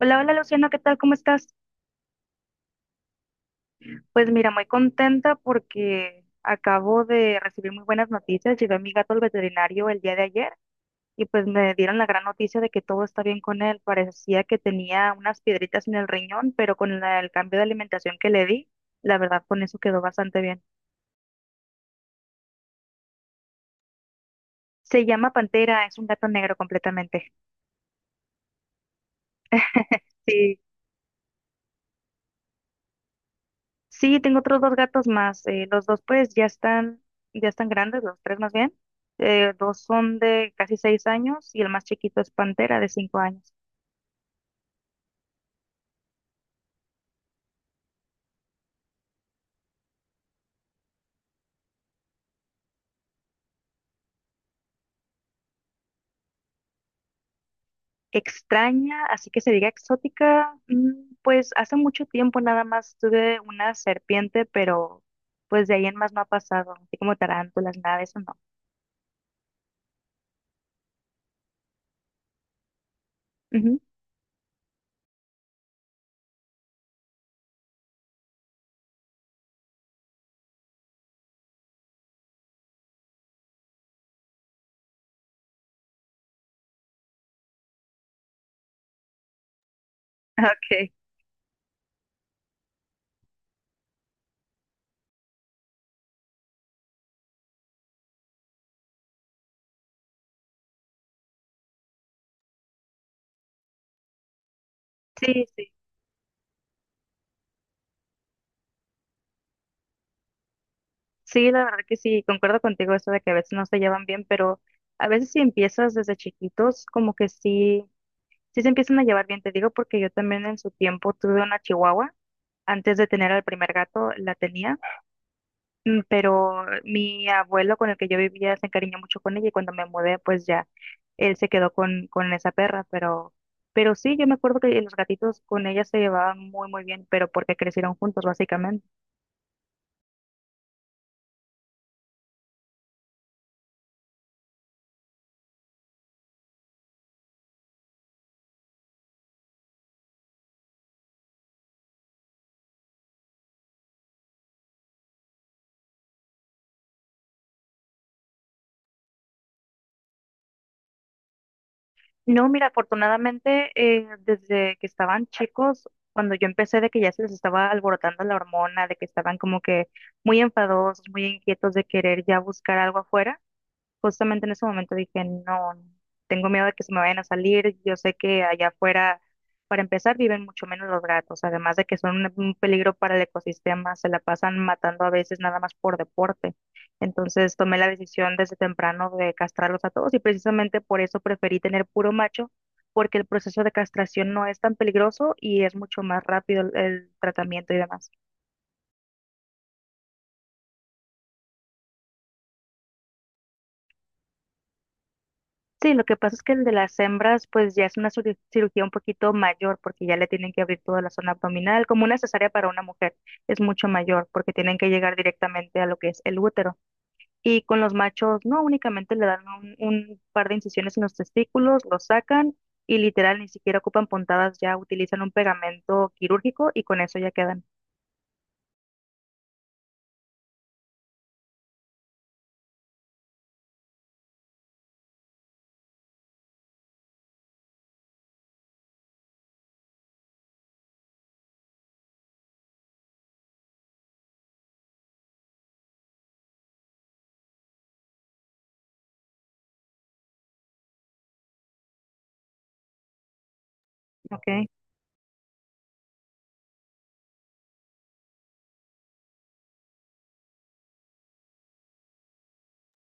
Hola, hola Luciano, ¿qué tal? ¿Cómo estás? Pues mira, muy contenta porque acabo de recibir muy buenas noticias. Llevé a mi gato al veterinario el día de ayer y pues me dieron la gran noticia de que todo está bien con él. Parecía que tenía unas piedritas en el riñón, pero con el cambio de alimentación que le di, la verdad con eso quedó bastante bien. Se llama Pantera, es un gato negro completamente. Sí, sí, tengo otros dos gatos más. Los dos pues ya están grandes, los tres más bien. Dos son de casi 6 años y el más chiquito es Pantera de 5 años. Extraña, así que se diga exótica, pues hace mucho tiempo nada más tuve una serpiente, pero pues de ahí en más no ha pasado, así como tarántulas, nada de eso no. Ujú. Okay, sí, sí, sí, la verdad que sí, concuerdo contigo eso de que a veces no se llevan bien, pero a veces si empiezas desde chiquitos, como que sí, sí se empiezan a llevar bien, te digo, porque yo también en su tiempo tuve una chihuahua. Antes de tener al primer gato la tenía, pero mi abuelo con el que yo vivía se encariñó mucho con ella y cuando me mudé, pues ya él se quedó con esa perra, pero sí, yo me acuerdo que los gatitos con ella se llevaban muy, muy bien, pero porque crecieron juntos, básicamente. No, mira, afortunadamente desde que estaban chicos, cuando yo empecé de que ya se les estaba alborotando la hormona, de que estaban como que muy enfadosos, muy inquietos de querer ya buscar algo afuera, justamente en ese momento dije, no, tengo miedo de que se me vayan a salir. Yo sé que allá afuera, para empezar, viven mucho menos los gatos, además de que son un peligro para el ecosistema, se la pasan matando a veces nada más por deporte. Entonces tomé la decisión desde temprano de castrarlos a todos y precisamente por eso preferí tener puro macho, porque el proceso de castración no es tan peligroso y es mucho más rápido el tratamiento y demás. Sí, lo que pasa es que el de las hembras, pues ya es una cirugía un poquito mayor, porque ya le tienen que abrir toda la zona abdominal, como una cesárea para una mujer, es mucho mayor, porque tienen que llegar directamente a lo que es el útero. Y con los machos, no, únicamente le dan un par de incisiones en los testículos, los sacan y literal ni siquiera ocupan puntadas, ya utilizan un pegamento quirúrgico y con eso ya quedan. Ok.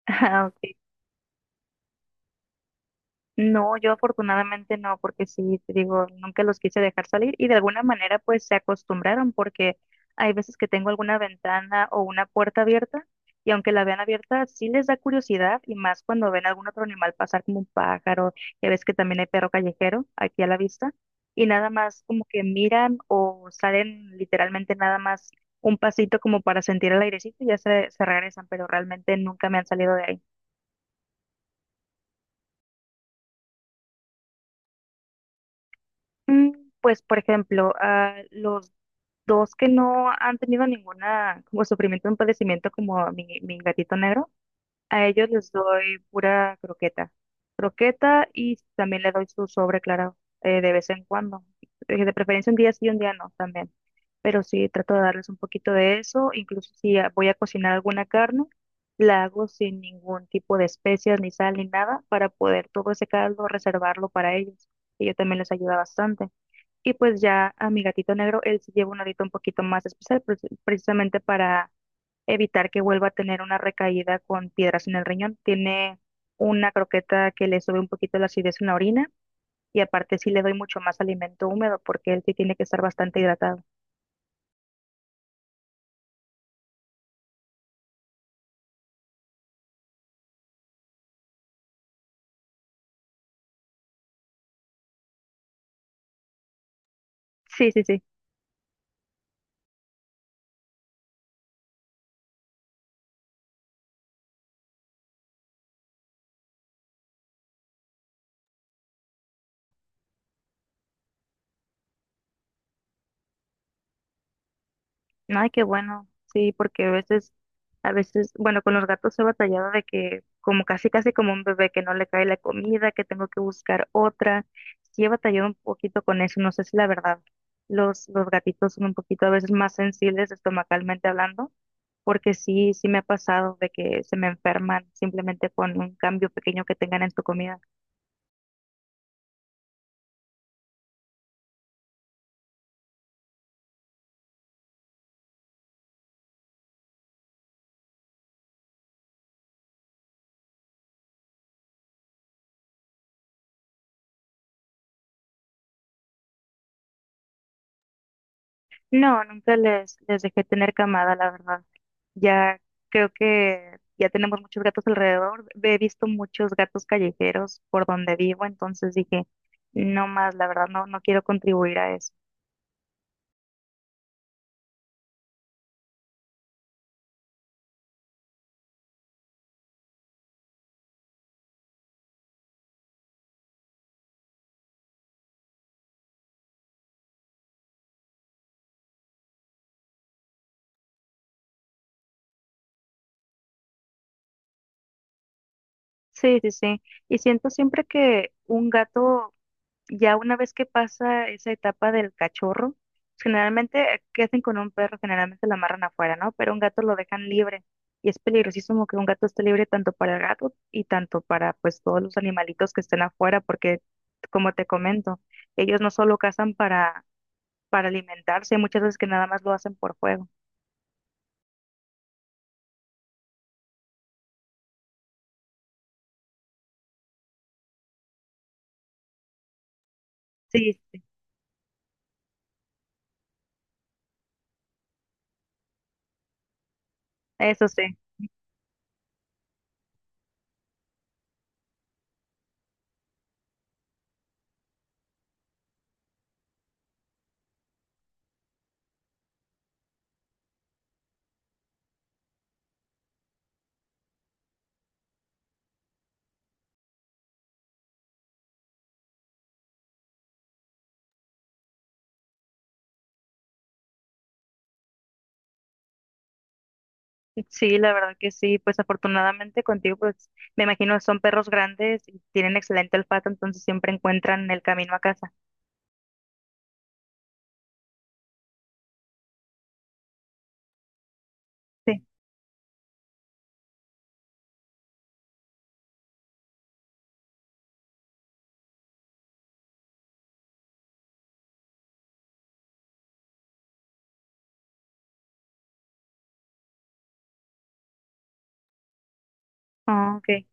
Ah, ok. No, yo afortunadamente no, porque sí, te digo, nunca los quise dejar salir y de alguna manera pues se acostumbraron porque hay veces que tengo alguna ventana o una puerta abierta y aunque la vean abierta sí les da curiosidad y más cuando ven algún otro animal pasar como un pájaro, ya ves que también hay perro callejero aquí a la vista y nada más como que miran o salen literalmente nada más un pasito como para sentir el airecito y ya se regresan, pero realmente nunca me han salido de ahí. Mm, Pues, por ejemplo, a los dos que no han tenido ninguna como sufrimiento, un padecimiento como mi gatito negro, a ellos les doy pura croqueta. Croqueta y también le doy su sobre, claro, de vez en cuando. De preferencia un día sí y un día no también. Pero sí trato de darles un poquito de eso. Incluso si voy a cocinar alguna carne, la hago sin ningún tipo de especias, ni sal, ni nada, para poder todo ese caldo reservarlo para ellos. Y yo también les ayuda bastante. Y pues ya a mi gatito negro, él sí lleva una dieta un poquito más especial, precisamente para evitar que vuelva a tener una recaída con piedras en el riñón. Tiene una croqueta que le sube un poquito la acidez en la orina y aparte sí le doy mucho más alimento húmedo porque él sí tiene que estar bastante hidratado. Sí, sí, sí. Ay, qué bueno, sí, porque a veces, bueno, con los gatos he batallado de que como casi, casi como un bebé que no le cae la comida, que tengo que buscar otra. Sí he batallado un poquito con eso, no sé si la verdad, los gatitos son un poquito a veces más sensibles estomacalmente hablando, porque sí, sí me ha pasado de que se me enferman simplemente con un cambio pequeño que tengan en su comida. No, nunca les dejé tener camada, la verdad. Ya creo que ya tenemos muchos gatos alrededor. He visto muchos gatos callejeros por donde vivo, entonces dije, no más, la verdad, no, no quiero contribuir a eso. Sí, sí, sí. Y siento siempre que un gato ya una vez que pasa esa etapa del cachorro, generalmente, ¿qué hacen con un perro? Generalmente lo amarran afuera, ¿no? Pero un gato lo dejan libre. Y es peligrosísimo que un gato esté libre tanto para el gato y tanto para pues todos los animalitos que estén afuera, porque como te comento, ellos no solo cazan para alimentarse, hay muchas veces que nada más lo hacen por juego. Sí, sí, eso sí. Sí, la verdad que sí. Pues afortunadamente contigo, pues me imagino son perros grandes y tienen excelente olfato, entonces siempre encuentran el camino a casa. Sí. Ah, ok.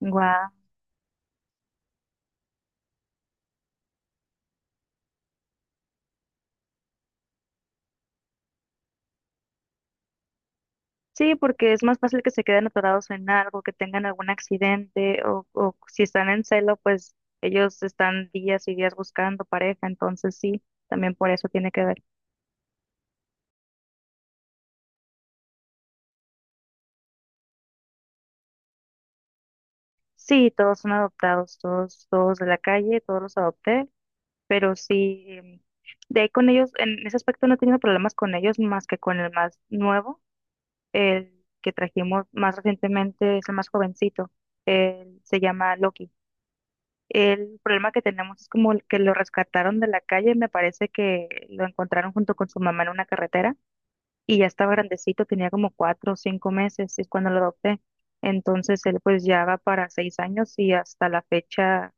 Guau. Sí, porque es más fácil que se queden atorados en algo, que tengan algún accidente o si están en celo, pues ellos están días y días buscando pareja, entonces sí, también por eso tiene que ver. Sí, todos son adoptados, todos, todos de la calle, todos los adopté, pero sí, de ahí con ellos, en ese aspecto no he tenido problemas con ellos más que con el más nuevo, el que trajimos más recientemente es el más jovencito, él se llama Loki. El problema que tenemos es como el que lo rescataron de la calle, me parece que lo encontraron junto con su mamá en una carretera y ya estaba grandecito, tenía como 4 o 5 meses, es cuando lo adopté. Entonces él pues ya va para 6 años y hasta la fecha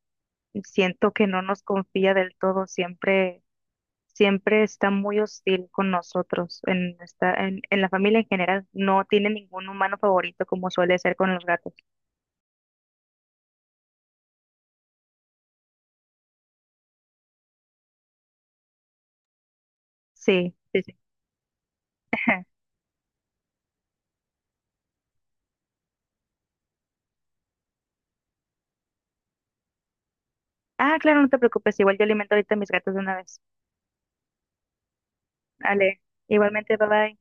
siento que no nos confía del todo, siempre, siempre está muy hostil con nosotros, en la familia en general, no tiene ningún humano favorito como suele ser con los gatos. Sí, sí, sí. Ah, claro, no te preocupes, igual yo alimento ahorita a mis gatos de una vez. Ale, igualmente, bye bye.